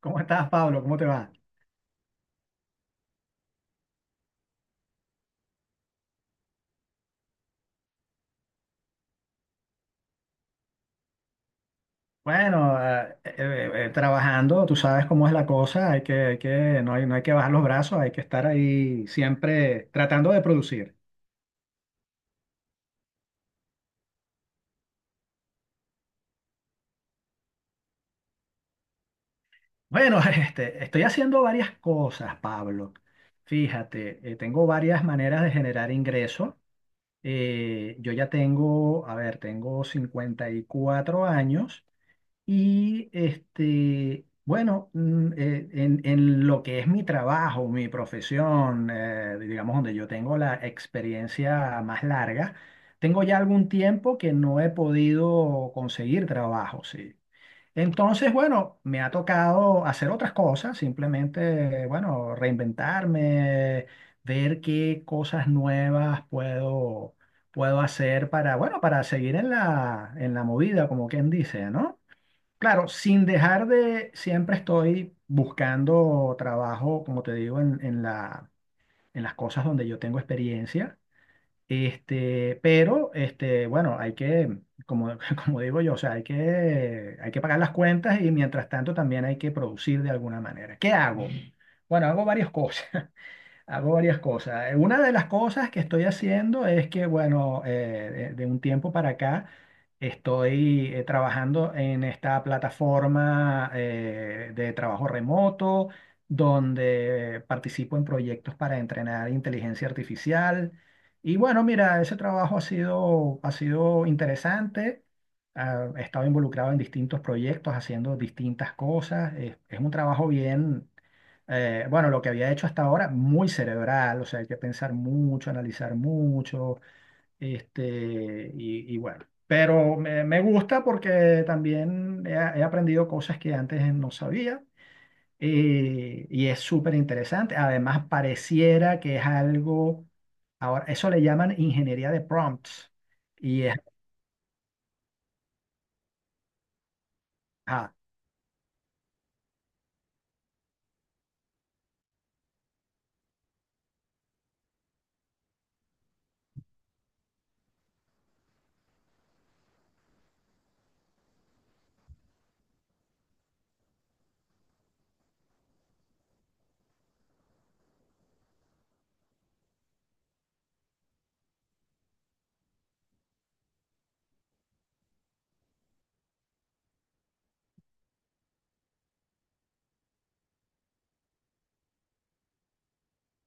¿Cómo estás, Pablo? ¿Cómo te va? Bueno, trabajando, tú sabes cómo es la cosa, hay que, no hay, no hay que bajar los brazos, hay que estar ahí siempre tratando de producir. Bueno, este, estoy haciendo varias cosas, Pablo. Fíjate, tengo varias maneras de generar ingreso. Yo ya tengo, a ver, tengo 54 años. Y este, bueno, en lo que es mi trabajo, mi profesión, digamos donde yo tengo la experiencia más larga, tengo ya algún tiempo que no he podido conseguir trabajo, sí. Entonces, bueno, me ha tocado hacer otras cosas, simplemente, bueno, reinventarme, ver qué cosas nuevas puedo hacer para, bueno, para seguir en en la movida, como quien dice, ¿no? Claro, sin dejar de, siempre estoy buscando trabajo, como te digo, en las cosas donde yo tengo experiencia. Este, pero, este, bueno, hay que, como, como digo yo, o sea, hay que pagar las cuentas y mientras tanto también hay que producir de alguna manera. ¿Qué hago? Bueno, hago varias cosas. Hago varias cosas. Una de las cosas que estoy haciendo es que, bueno, de un tiempo para acá estoy trabajando en esta plataforma de trabajo remoto, donde participo en proyectos para entrenar inteligencia artificial. Y bueno, mira, ese trabajo ha sido interesante. Ah, he estado involucrado en distintos proyectos, haciendo distintas cosas. Es un trabajo bien bueno, lo que había hecho hasta ahora, muy cerebral, o sea, hay que pensar mucho, analizar mucho, este, y bueno, pero me gusta porque también he aprendido cosas que antes no sabía, y es súper interesante. Además, pareciera que es algo, ahora, eso le llaman ingeniería de prompts y es... Ah,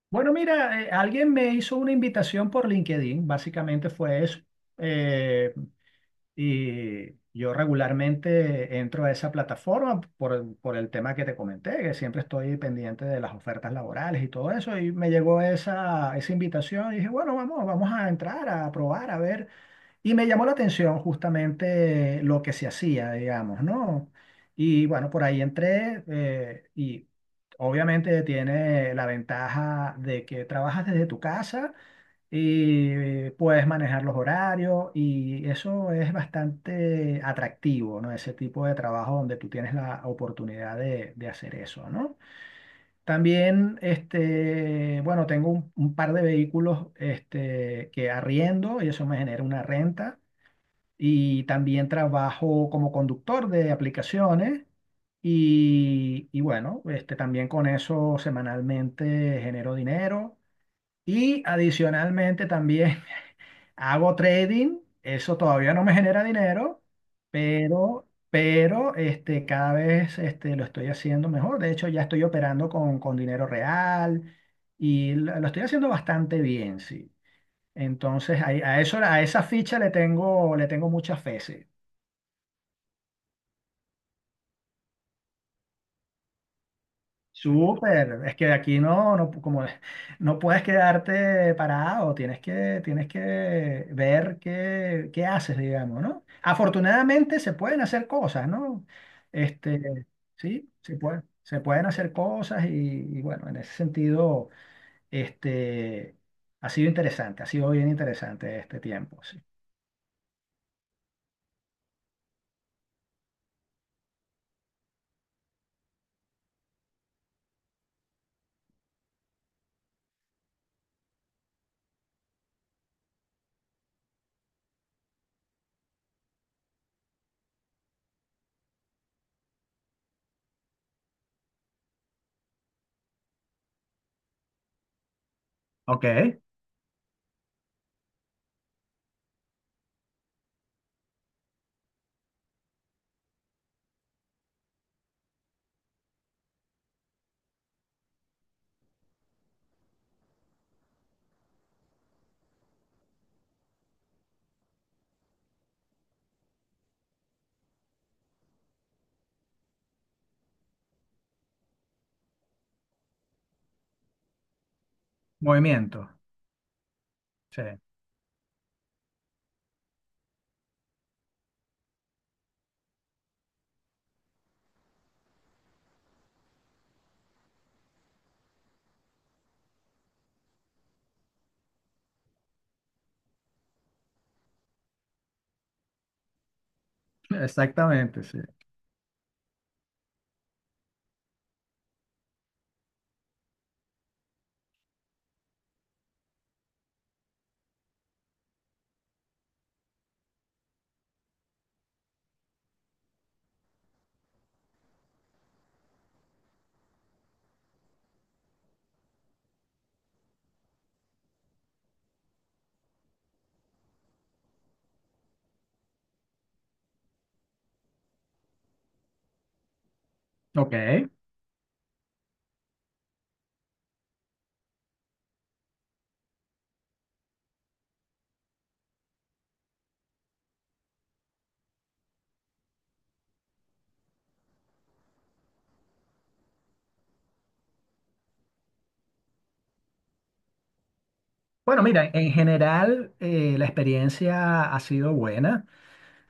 bueno, mira, alguien me hizo una invitación por LinkedIn, básicamente fue eso. Eh, Y yo regularmente entro a esa plataforma por, por el tema que te comenté, que siempre estoy pendiente de las ofertas laborales y todo eso. Y me llegó esa invitación y dije, bueno, vamos a entrar, a probar, a ver. Y me llamó la atención justamente lo que se hacía, digamos, ¿no? Y bueno, por ahí entré, y obviamente tiene la ventaja de que trabajas desde tu casa y puedes manejar los horarios y eso es bastante atractivo, ¿no? Ese tipo de trabajo donde tú tienes la oportunidad de hacer eso, ¿no? También, este, bueno, tengo un par de vehículos, este, que arriendo y eso me genera una renta, y también trabajo como conductor de aplicaciones. Y bueno, este, también con eso semanalmente genero dinero. Y adicionalmente también hago trading, eso todavía no me genera dinero, pero este, cada vez este, lo estoy haciendo mejor. De hecho, ya estoy operando con dinero real y lo estoy haciendo bastante bien, sí. Entonces, a esa ficha le tengo mucha fe, sí. Súper, es que aquí no, como no puedes quedarte parado, tienes que ver qué, qué haces, digamos, ¿no? Afortunadamente se pueden hacer cosas, ¿no? Este, sí, se pueden hacer cosas, y bueno, en ese sentido, este, ha sido interesante, ha sido bien interesante este tiempo, sí. Ok, movimiento. Sí, exactamente, sí. Ok. Bueno, mira, en general, la experiencia ha sido buena.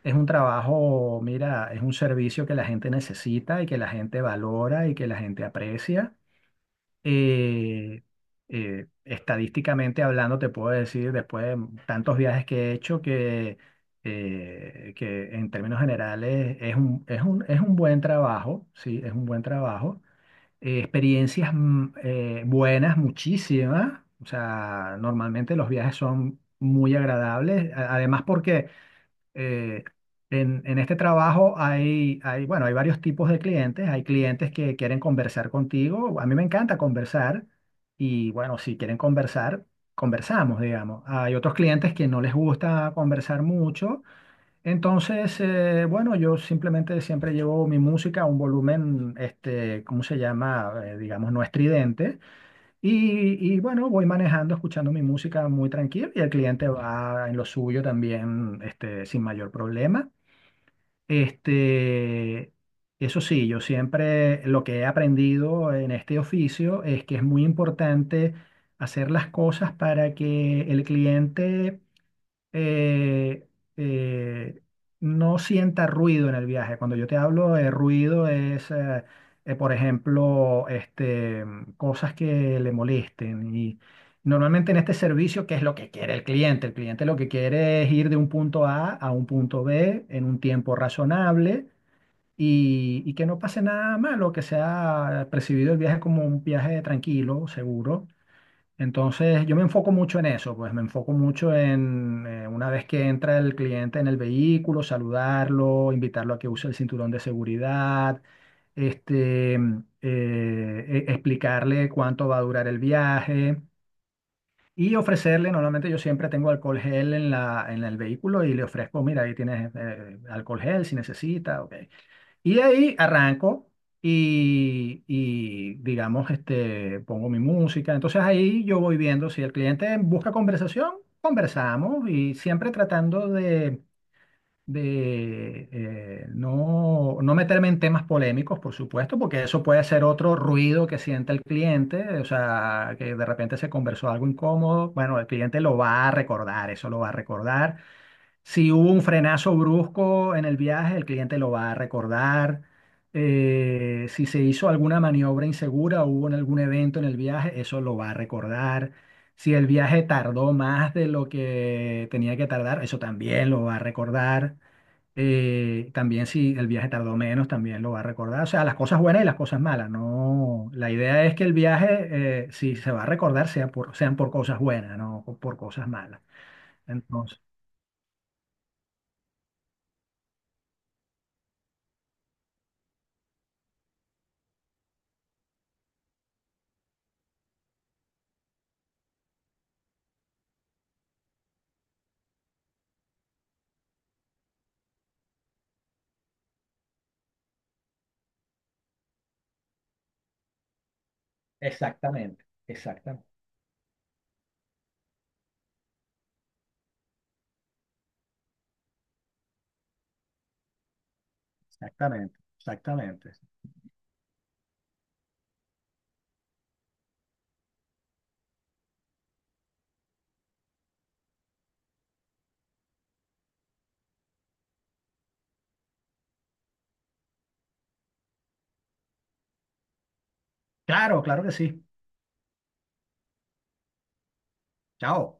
Es un trabajo, mira, es un servicio que la gente necesita y que la gente valora y que la gente aprecia. Eh, estadísticamente hablando, te puedo decir, después de tantos viajes que he hecho, que en términos generales es un buen trabajo, sí, es un buen trabajo, experiencias buenas, muchísimas. O sea, normalmente los viajes son muy agradables. Además, porque eh, en este trabajo hay, bueno, hay varios tipos de clientes. Hay clientes que quieren conversar contigo. A mí me encanta conversar. Y bueno, si quieren conversar, conversamos, digamos. Hay otros clientes que no les gusta conversar mucho, entonces, bueno, yo simplemente siempre llevo mi música a un volumen, este, ¿cómo se llama? Digamos, no estridente. Y bueno, voy manejando, escuchando mi música muy tranquilo y el cliente va en lo suyo también, este, sin mayor problema. Este, eso sí, yo siempre lo que he aprendido en este oficio es que es muy importante hacer las cosas para que el cliente eh, eh, no sienta ruido en el viaje. Cuando yo te hablo de ruido es, por ejemplo, este, cosas que le molesten. Y normalmente en este servicio, ¿qué es lo que quiere el cliente? El cliente lo que quiere es ir de un punto A a un punto B en un tiempo razonable. Y que no pase nada malo, que sea percibido el viaje como un viaje tranquilo, seguro. Entonces, yo me enfoco mucho en eso, pues me enfoco mucho en una vez que entra el cliente en el vehículo, saludarlo, invitarlo a que use el cinturón de seguridad, este, explicarle cuánto va a durar el viaje y ofrecerle, normalmente yo siempre tengo alcohol gel en el vehículo y le ofrezco, mira, ahí tienes alcohol gel si necesita, ok. Y de ahí arranco y, digamos, este, pongo mi música. Entonces ahí yo voy viendo si el cliente busca conversación, conversamos y siempre tratando de, no meterme en temas polémicos, por supuesto, porque eso puede ser otro ruido que sienta el cliente, o sea, que de repente se conversó algo incómodo. Bueno, el cliente lo va a recordar, eso lo va a recordar. Si hubo un frenazo brusco en el viaje, el cliente lo va a recordar. Si se hizo alguna maniobra insegura, hubo en algún evento en el viaje, eso lo va a recordar. Si el viaje tardó más de lo que tenía que tardar, eso también lo va a recordar. También si el viaje tardó menos, también lo va a recordar. O sea, las cosas buenas y las cosas malas. No, la idea es que el viaje, si se va a recordar, sea por, sean por cosas buenas, no por cosas malas. Exactamente, exactamente, exactamente, exactamente. Claro, claro que sí. Chao.